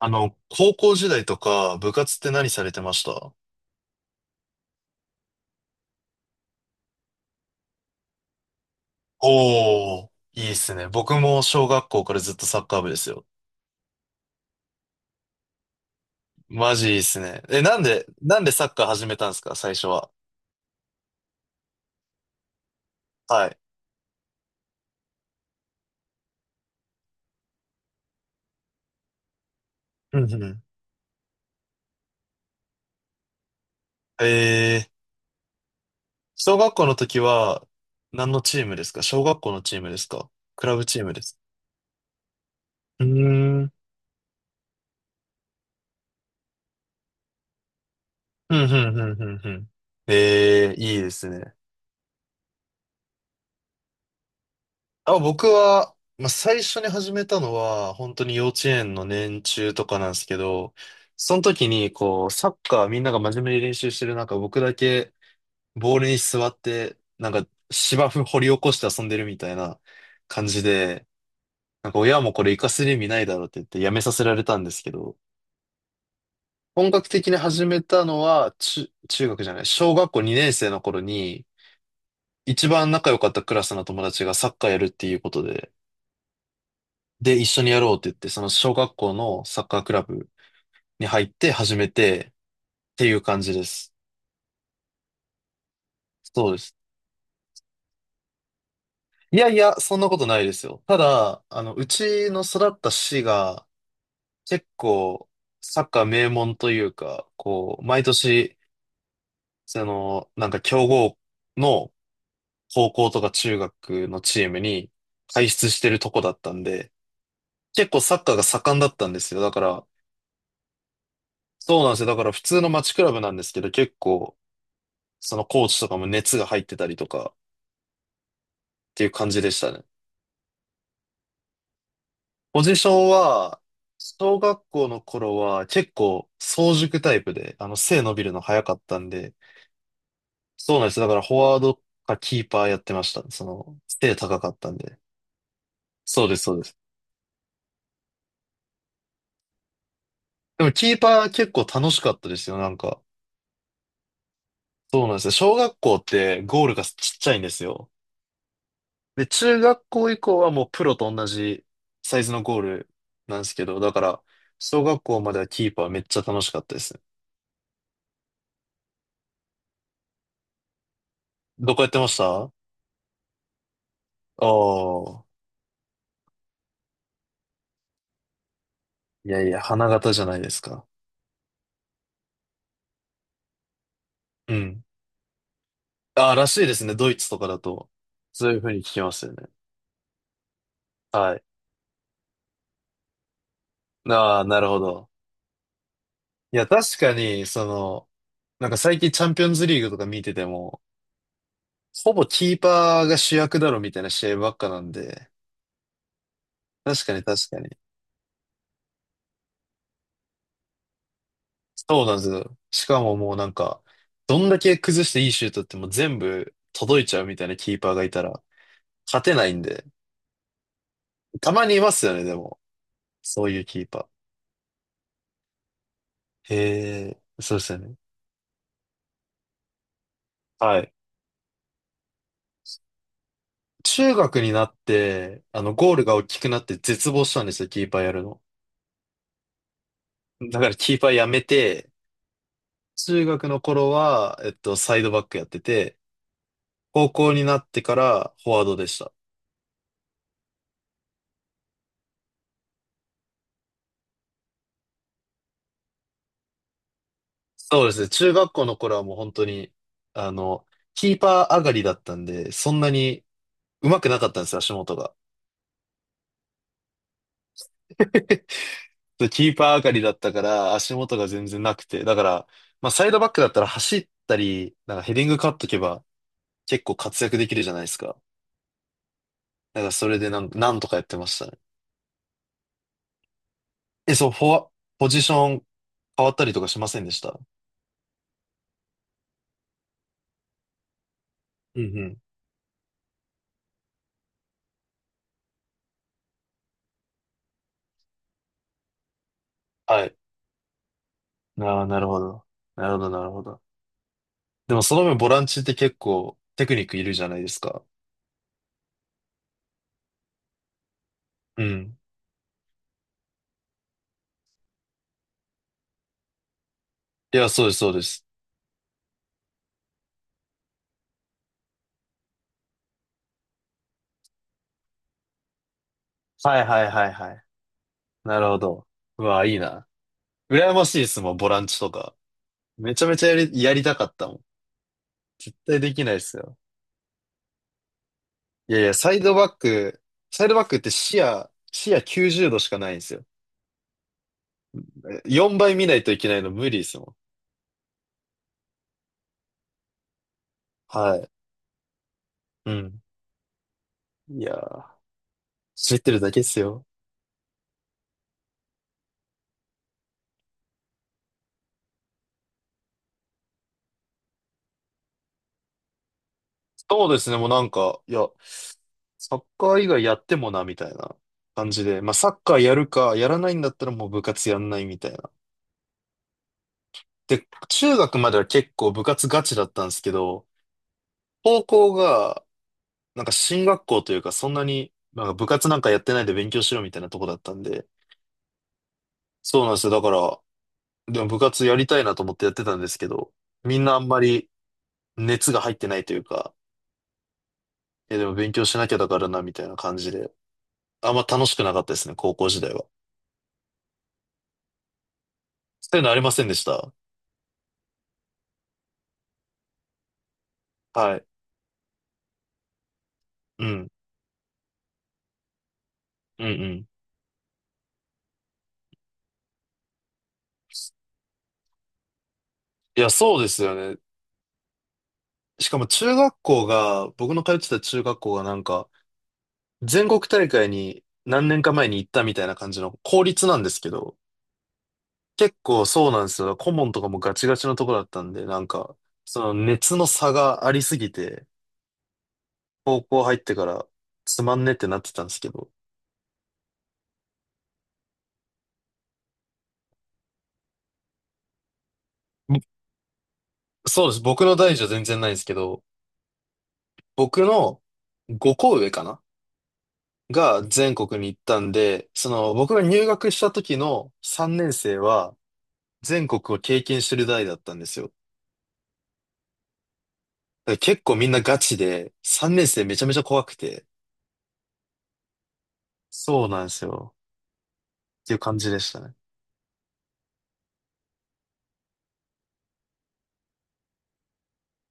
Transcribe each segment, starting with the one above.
高校時代とか部活って何されてました？おー、いいっすね。僕も小学校からずっとサッカー部ですよ。マジいいっすね。え、なんでサッカー始めたんですか、最初は？はい。うんうん。えー、小学校の時は何のチームですか？小学校のチームですか？クラブチームです。うーん。うん、うん。えー、いいですね。あ、僕は、まあ、最初に始めたのは、本当に幼稚園の年中とかなんですけど、その時に、こう、サッカーみんなが真面目に練習してる中、僕だけボールに座って、なんか芝生掘り起こして遊んでるみたいな感じで、なんか親もこれ活かせる意味ないだろうって言ってやめさせられたんですけど、本格的に始めたのは、中学じゃない、小学校2年生の頃に、一番仲良かったクラスの友達がサッカーやるっていうことで、で、一緒にやろうって言って、その小学校のサッカークラブに入って始めてっていう感じです。そうです。いやいや、そんなことないですよ。ただ、あの、うちの育った市が結構サッカー名門というか、こう、毎年、その、なんか強豪の高校とか中学のチームに輩出してるとこだったんで、結構サッカーが盛んだったんですよ。だから、そうなんですよ。だから普通の街クラブなんですけど、結構、そのコーチとかも熱が入ってたりとかっていう感じでしたね。ポジションは、小学校の頃は結構早熟タイプで、あの背伸びるの早かったんで、そうなんです。だからフォワードかキーパーやってましたね。その背高かったんで。そうです、そうです。でもキーパー結構楽しかったですよ、なんか。そうなんですよ。小学校ってゴールがちっちゃいんですよ。で、中学校以降はもうプロと同じサイズのゴールなんですけど、だから、小学校まではキーパーめっちゃ楽しかったですね。どこやってましたあ？あー、いやいや、花形じゃないですか。うん。ああ、らしいですね。ドイツとかだと。そういうふうに聞きますよね。はい。ああ、なるほど。いや、確かに、その、なんか最近チャンピオンズリーグとか見てても、ほぼキーパーが主役だろみたいな試合ばっかなんで、確かに確かに。そうなんですよ。しかももうなんか、どんだけ崩していいシュートってもう全部届いちゃうみたいなキーパーがいたら勝てないんで。たまにいますよね、でも。そういうキーパー。へえ、そうですよね。はい。中学になって、あの、ゴールが大きくなって絶望したんですよ、キーパーやるの。だからキーパーやめて、中学の頃は、えっと、サイドバックやってて、高校になってからフォワードでした。そうですね。中学校の頃はもう本当に、あの、キーパー上がりだったんで、そんなに上手くなかったんですよ、足元が。でキーパー上がりだったから、足元が全然なくて。だから、まあ、サイドバックだったら走ったり、なんかヘディング勝っとけば、結構活躍できるじゃないですか。だからそれでなんとかやってましたね。え、そう、フォワ、ポジション変わったりとかしませんでした？うんうん。はい。ああ、なるほど。なるほど、なるほど。でもその分ボランチって結構テクニックいるじゃないですか。うん。いや、そうです、そうです。はいはいはいはい。なるほど。うわ、いいな。羨ましいですもん、ボランチとか。めちゃめちゃやり、やりたかったもん。絶対できないですよ。いやいや、サイドバック、サイドバックって視野90度しかないんですよ。4倍見ないといけないの無理ですもん。はい。うん。いやー、知ってるだけですよ。そうですね、もうなんか、いや、サッカー以外やってもな、みたいな感じで。まあ、サッカーやるか、やらないんだったらもう部活やんないみたいな。で、中学までは結構部活ガチだったんですけど、高校が、なんか進学校というか、そんなに、なんか部活なんかやってないで勉強しろみたいなとこだったんで、そうなんですよ。だから、でも部活やりたいなと思ってやってたんですけど、みんなあんまり熱が入ってないというか、え、でも勉強しなきゃだからな、みたいな感じで、あんま楽しくなかったですね、高校時代は。そういうのありませんでした？はい。うん。うんうん。いや、そうですよね。しかも中学校が、僕の通ってた中学校がなんか、全国大会に何年か前に行ったみたいな感じの公立なんですけど、結構そうなんですよ。顧問とかもガチガチのとこだったんで、なんか、その熱の差がありすぎて、高校入ってからつまんねってなってたんですけど、ぼそうです。僕の代じゃ全然ないんですけど、僕の5校上かなが全国に行ったんで、その僕が入学した時の3年生は全国を経験してる代だったんですよ。だから結構みんなガチで、3年生めちゃめちゃ怖くて、そうなんですよ。っていう感じでしたね。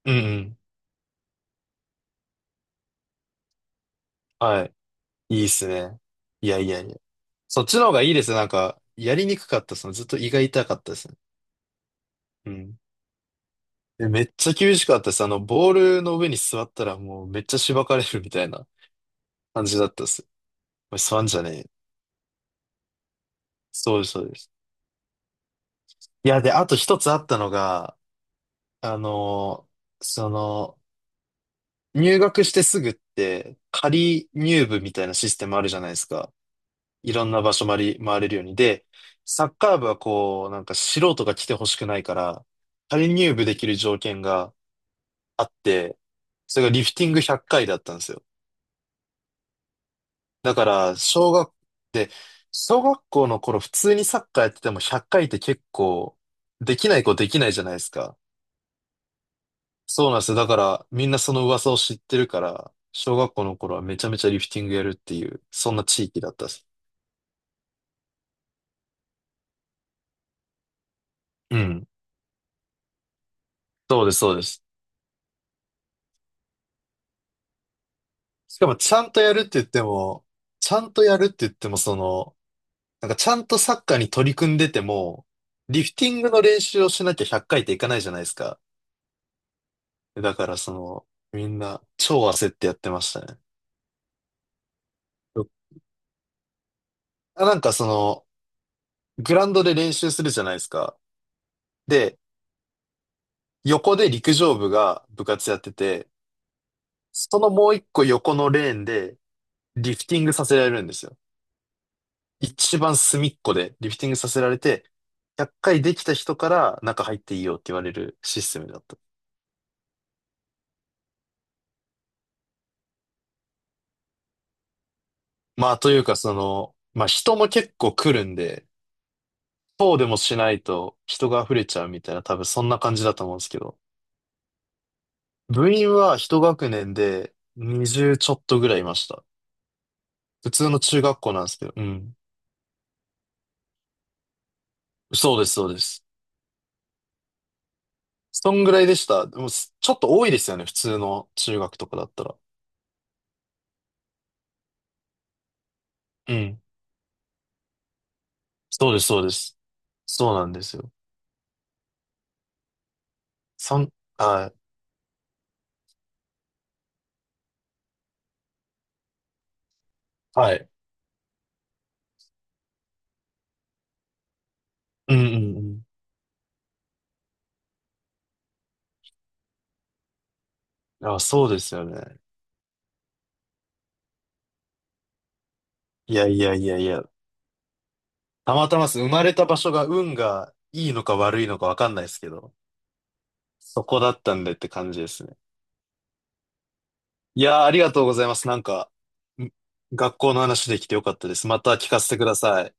うんうん。はい。いいっすね。いやいやいや。そっちの方がいいですね。なんか、やりにくかったですね。ずっと胃が痛かったですね。うん。で、めっちゃ厳しかったです。あの、ボールの上に座ったらもうめっちゃしばかれるみたいな感じだったです。おい座んじゃねえよ。そうです、そうです。いや、で、あと一つあったのが、あのその、入学してすぐって、仮入部みたいなシステムあるじゃないですか。いろんな場所回り、回れるように。で、サッカー部はこう、なんか素人が来てほしくないから、仮入部できる条件があって、それがリフティング100回だったんですよ。だから、で、小学校の頃普通にサッカーやってても100回っかいって結構、できないじゃないですか。そうなんですよ。だから、みんなその噂を知ってるから、小学校の頃はめちゃめちゃリフティングやるっていう、そんな地域だったです。うん。そうです、そうです。しかもちゃんとやるって言っても、その、なんかちゃんとサッカーに取り組んでても、リフティングの練習をしなきゃ100回っかいっていかないじゃないですか。だからその、みんな超焦ってやってましたね。あなんかその、グラウンドで練習するじゃないですか。で、横で陸上部が部活やってて、そのもう一個横のレーンでリフティングさせられるんですよ。一番隅っこでリフティングさせられて、100回できた人から中入っていいよって言われるシステムだった。まあというかその、まあ人も結構来るんで、そうでもしないと人が溢れちゃうみたいな多分そんな感じだと思うんですけど、部員は一学年で20ちょっとぐらいいました。普通の中学校なんですけど、うん。そうです、そうです。そんぐらいでした。でもちょっと多いですよね、普通の中学とかだったら。うん。そうです、そうです。そうなんですよ。そん、はいはい。うんうんうん。あ、そうですよね。いやいやいやいや。たまたまです。生まれた場所が運がいいのか悪いのかわかんないですけど、そこだったんでって感じですね。いやー、ありがとうございます。なんか、ん学校の話できてよかったです。また聞かせてください。